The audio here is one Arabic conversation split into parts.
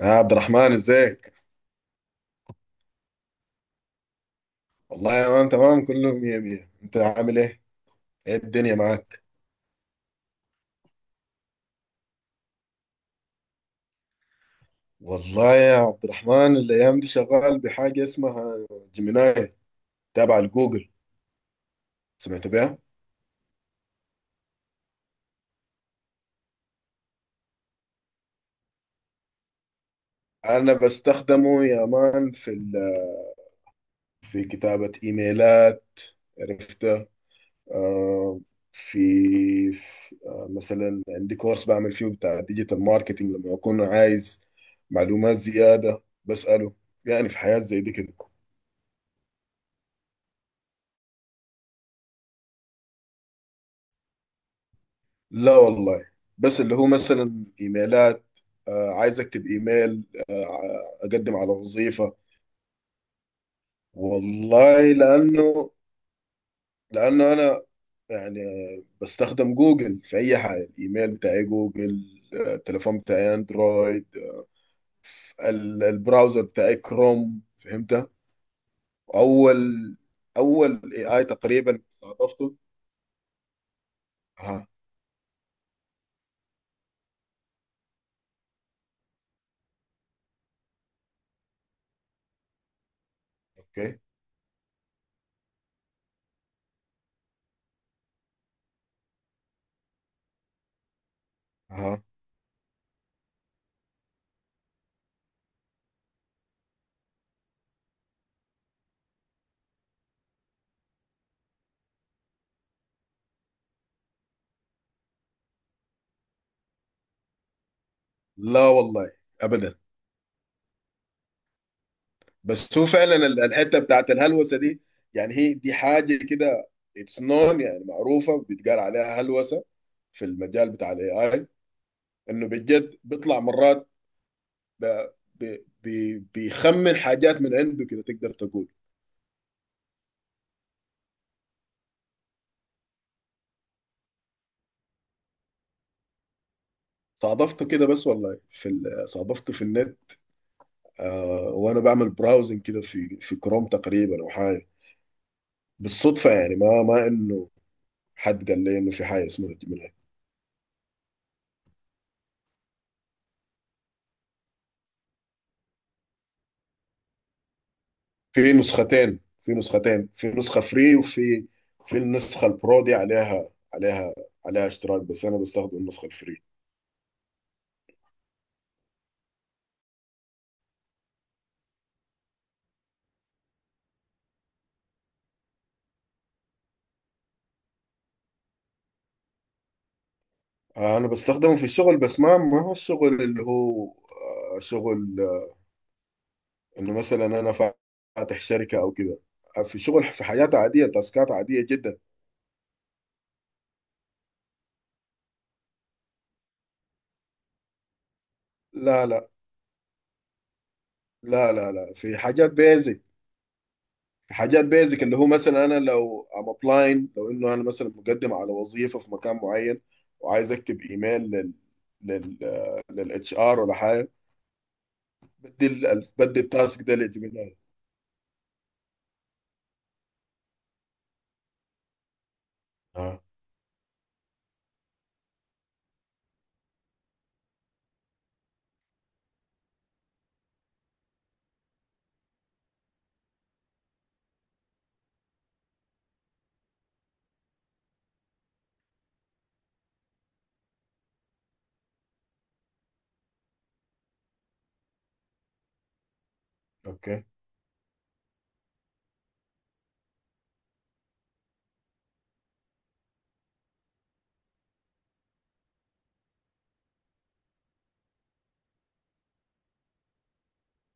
يا عبد الرحمن ازيك؟ والله يا مان تمام، كله مية مية. انت عامل ايه؟ ايه الدنيا معاك؟ والله يا عبد الرحمن، الايام دي شغال بحاجة اسمها جيميناي، تابع لجوجل. سمعت بيها؟ انا بستخدمه يا مان في كتابة ايميلات. عرفته. آه، في مثلا عندي كورس بعمل فيه بتاع ديجيتال ماركتينج، لما اكون عايز معلومات زيادة بسأله. يعني في حياة زي دي كده. لا والله، بس اللي هو مثلا ايميلات، آه عايز اكتب ايميل، آه اقدم على وظيفة. والله لانه، لانه يعني بستخدم جوجل في اي حاجة، الايميل بتاعي جوجل، التليفون بتاعي اندرويد، البراوزر بتاعي كروم، فهمت. اول اول اي اي تقريبا استضفته. ها. اوكي. ها. لا والله، ابدا. بس هو فعلا الحته بتاعت الهلوسه دي، يعني هي دي حاجه كده اتس نون، يعني معروفه بيتقال عليها هلوسه في المجال بتاع الاي اي، انه بجد بيطلع مرات ب- بيخمن حاجات من عنده كده تقدر تقول. صادفته كده بس والله، صادفته في النت، آه وانا بعمل براوزنج كده في كروم تقريبا او حاجه. بالصدفه يعني، ما انه حد قال لي انه في حاجه اسمها. في نسختين، في نسخة فري وفي في النسخة البرو دي، عليها عليها اشتراك، بس أنا بستخدم النسخة الفري. أنا بستخدمه في الشغل، بس ما هو الشغل اللي هو آه، شغل آه، إنه مثلا أنا فاتح شركة أو كده. آه، في شغل في حياة عادية، تاسكات عادية جدا. لا لا لا لا في حاجات بيزك. حاجات بيزك اللي هو مثلا انا لو ام ابلاين، لو انه انا مثلا مقدم على وظيفه في مكان معين وعايز اكتب ايميل لل لل للاتش ار ولا حاجه، بدي بدي التاسك ده لجميل. اه. اوكي.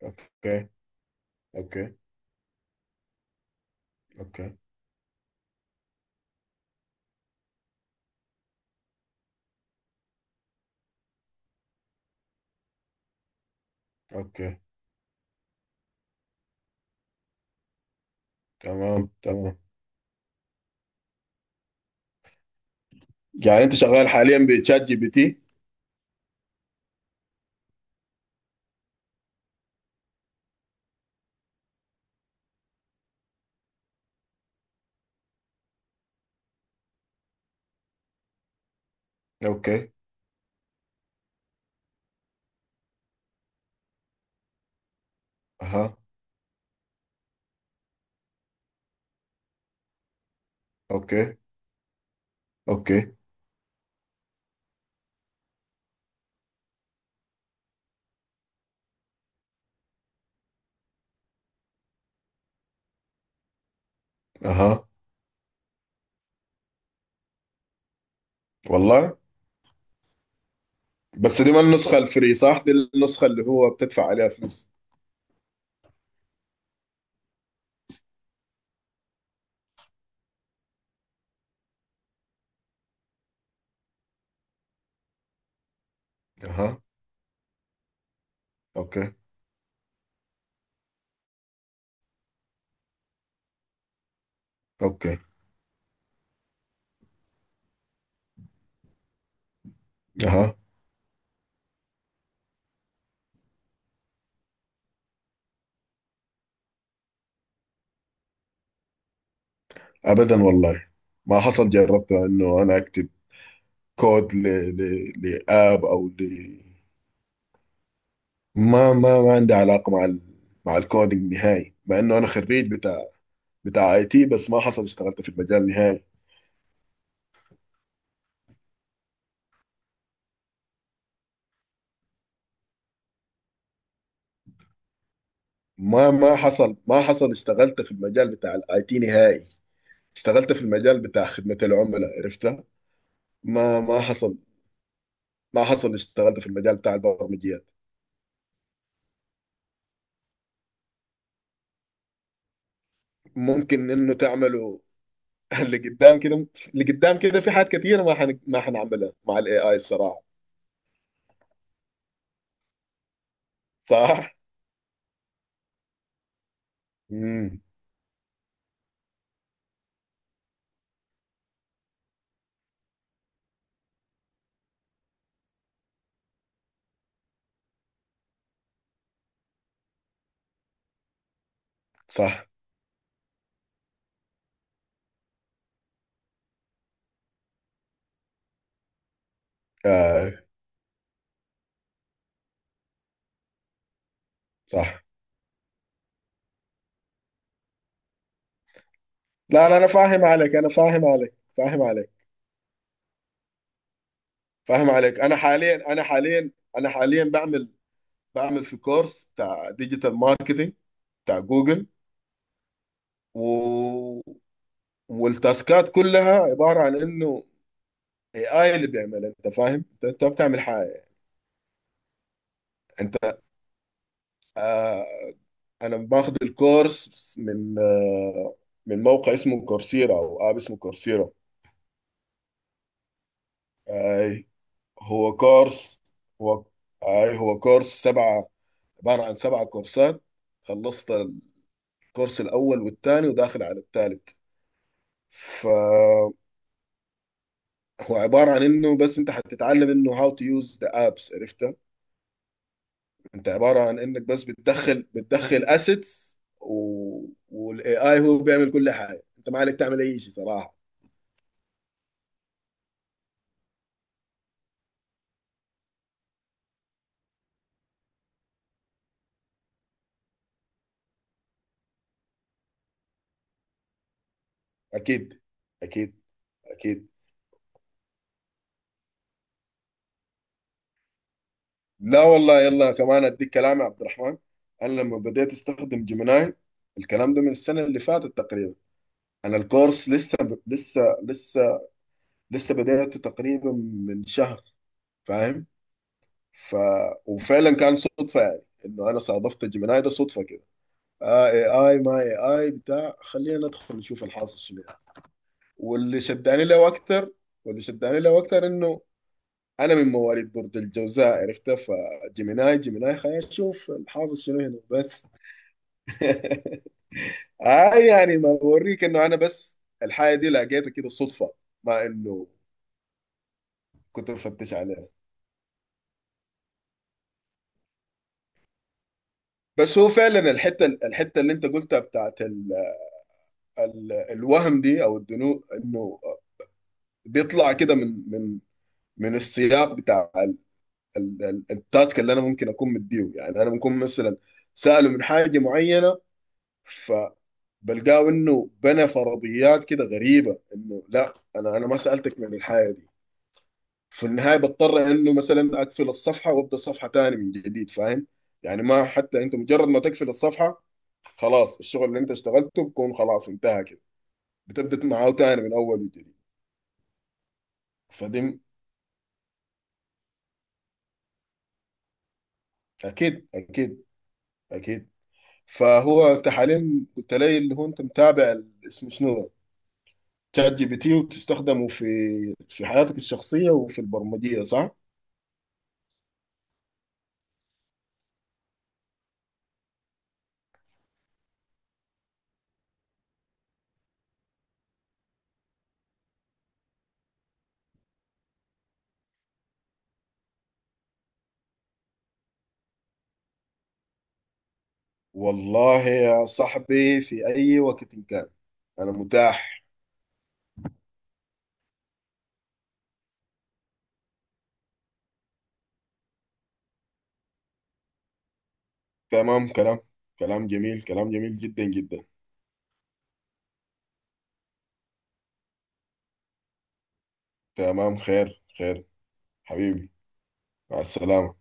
اوكي اوكي اوكي اوكي. تمام تمام. يعني انت شغال حاليا بتشات جي بي تي؟ اوكي. اها. اوكي. اوكي. اها. والله. بس دي ما النسخه الفري، صح؟ دي النسخه اللي هو بتدفع عليها فلوس. اها. اوكي. اوكي. اها. ابدا والله، ما حصل جربت انه انا اكتب كود لاب او ما ما عندي علاقه مع الكودينج نهائي، مع انه انا خريج بتاع اي تي، بس ما حصل اشتغلت في المجال نهائي. ما حصل ما حصل اشتغلت في المجال بتاع الاي تي نهائي، اشتغلت في المجال بتاع خدمة العملاء، عرفتها. ما حصل ما حصل اشتغلت في المجال بتاع البرمجيات. ممكن انه تعمله. اللي قدام كده، اللي قدام كده في حاجات كتير ما حنعملها مع الاي اي الصراحه. صح. امم. صح. آه. صح. لا لا، انا فاهم عليك، انا فاهم عليك، فاهم عليك، فاهم عليك. انا حاليا انا حاليا بعمل في كورس بتاع ديجيتال ماركتينج بتاع جوجل. و... والتاسكات كلها عبارة عن انه اي اي اللي بيعمل، انت فاهم، انت ما بتعمل حاجة. انت آه، انا باخد الكورس من آه، من موقع اسمه كورسيرا، او اب اسمه كورسيرا. اي هو كورس، هو هو كورس سبعة، عبارة عن سبعة كورسات. خلصت الكورس الاول والثاني وداخل على الثالث. فهو عبارة عن انه بس انت حتتعلم انه هاو تو يوز ذا ابس، عرفتها. انت عبارة عن انك بس بتدخل اسيتس، والاي اي هو بيعمل كل حاجة، انت ما عليك تعمل اي شيء صراحة. اكيد اكيد اكيد. لا والله، يلا كمان اديك كلام يا عبد الرحمن، انا لما بديت استخدم جيميناي، الكلام ده من السنه اللي فاتت تقريبا. انا الكورس لسه، لسه بديته تقريبا من شهر، فاهم؟ ف وفعلا كان صدفه، يعني انه انا صادفت جيميناي ده صدفه كده. آه اي اي، ما اي اي بتاع خلينا ندخل نشوف الحاصل شنو يعني. واللي شداني له اكتر واللي شداني له اكتر انه انا من مواليد برج الجوزاء، عرفتها، فجيميناي جيميناي، خلينا نشوف الحافظ شنو هنا بس. آه يعني ما بوريك انه انا بس الحاجه دي لقيتها كده صدفه، ما انه كنت بفتش عليها. بس هو فعلا الحته اللي انت قلتها بتاعت ال الوهم دي او الدنو، انه بيطلع كده من من السياق بتاع ال التاسك اللي انا ممكن اكون مديه. يعني انا ممكن مثلا ساله من حاجه معينه، بلقاه انه بنى فرضيات كده غريبه، انه لا، انا ما سالتك من الحاجه دي. في النهايه بضطر انه مثلا اقفل الصفحه وابدا صفحه تاني من جديد، فاهم؟ يعني ما حتى انت مجرد ما تقفل الصفحه، خلاص الشغل اللي انت اشتغلته بكون خلاص انتهى كده، بتبدا معاه تاني من اول وجديد. فدي، اكيد اكيد اكيد. فهو انت حاليا قلت لي اللي هو انت متابع اسمه شنو، شات جي بي تي، وتستخدمه في في حياتك الشخصيه وفي البرمجيه، صح؟ والله يا صاحبي في أي وقت إن كان، أنا متاح. تمام، كلام، كلام جميل، كلام جميل جدا جدا. تمام، خير خير. حبيبي. مع السلامة.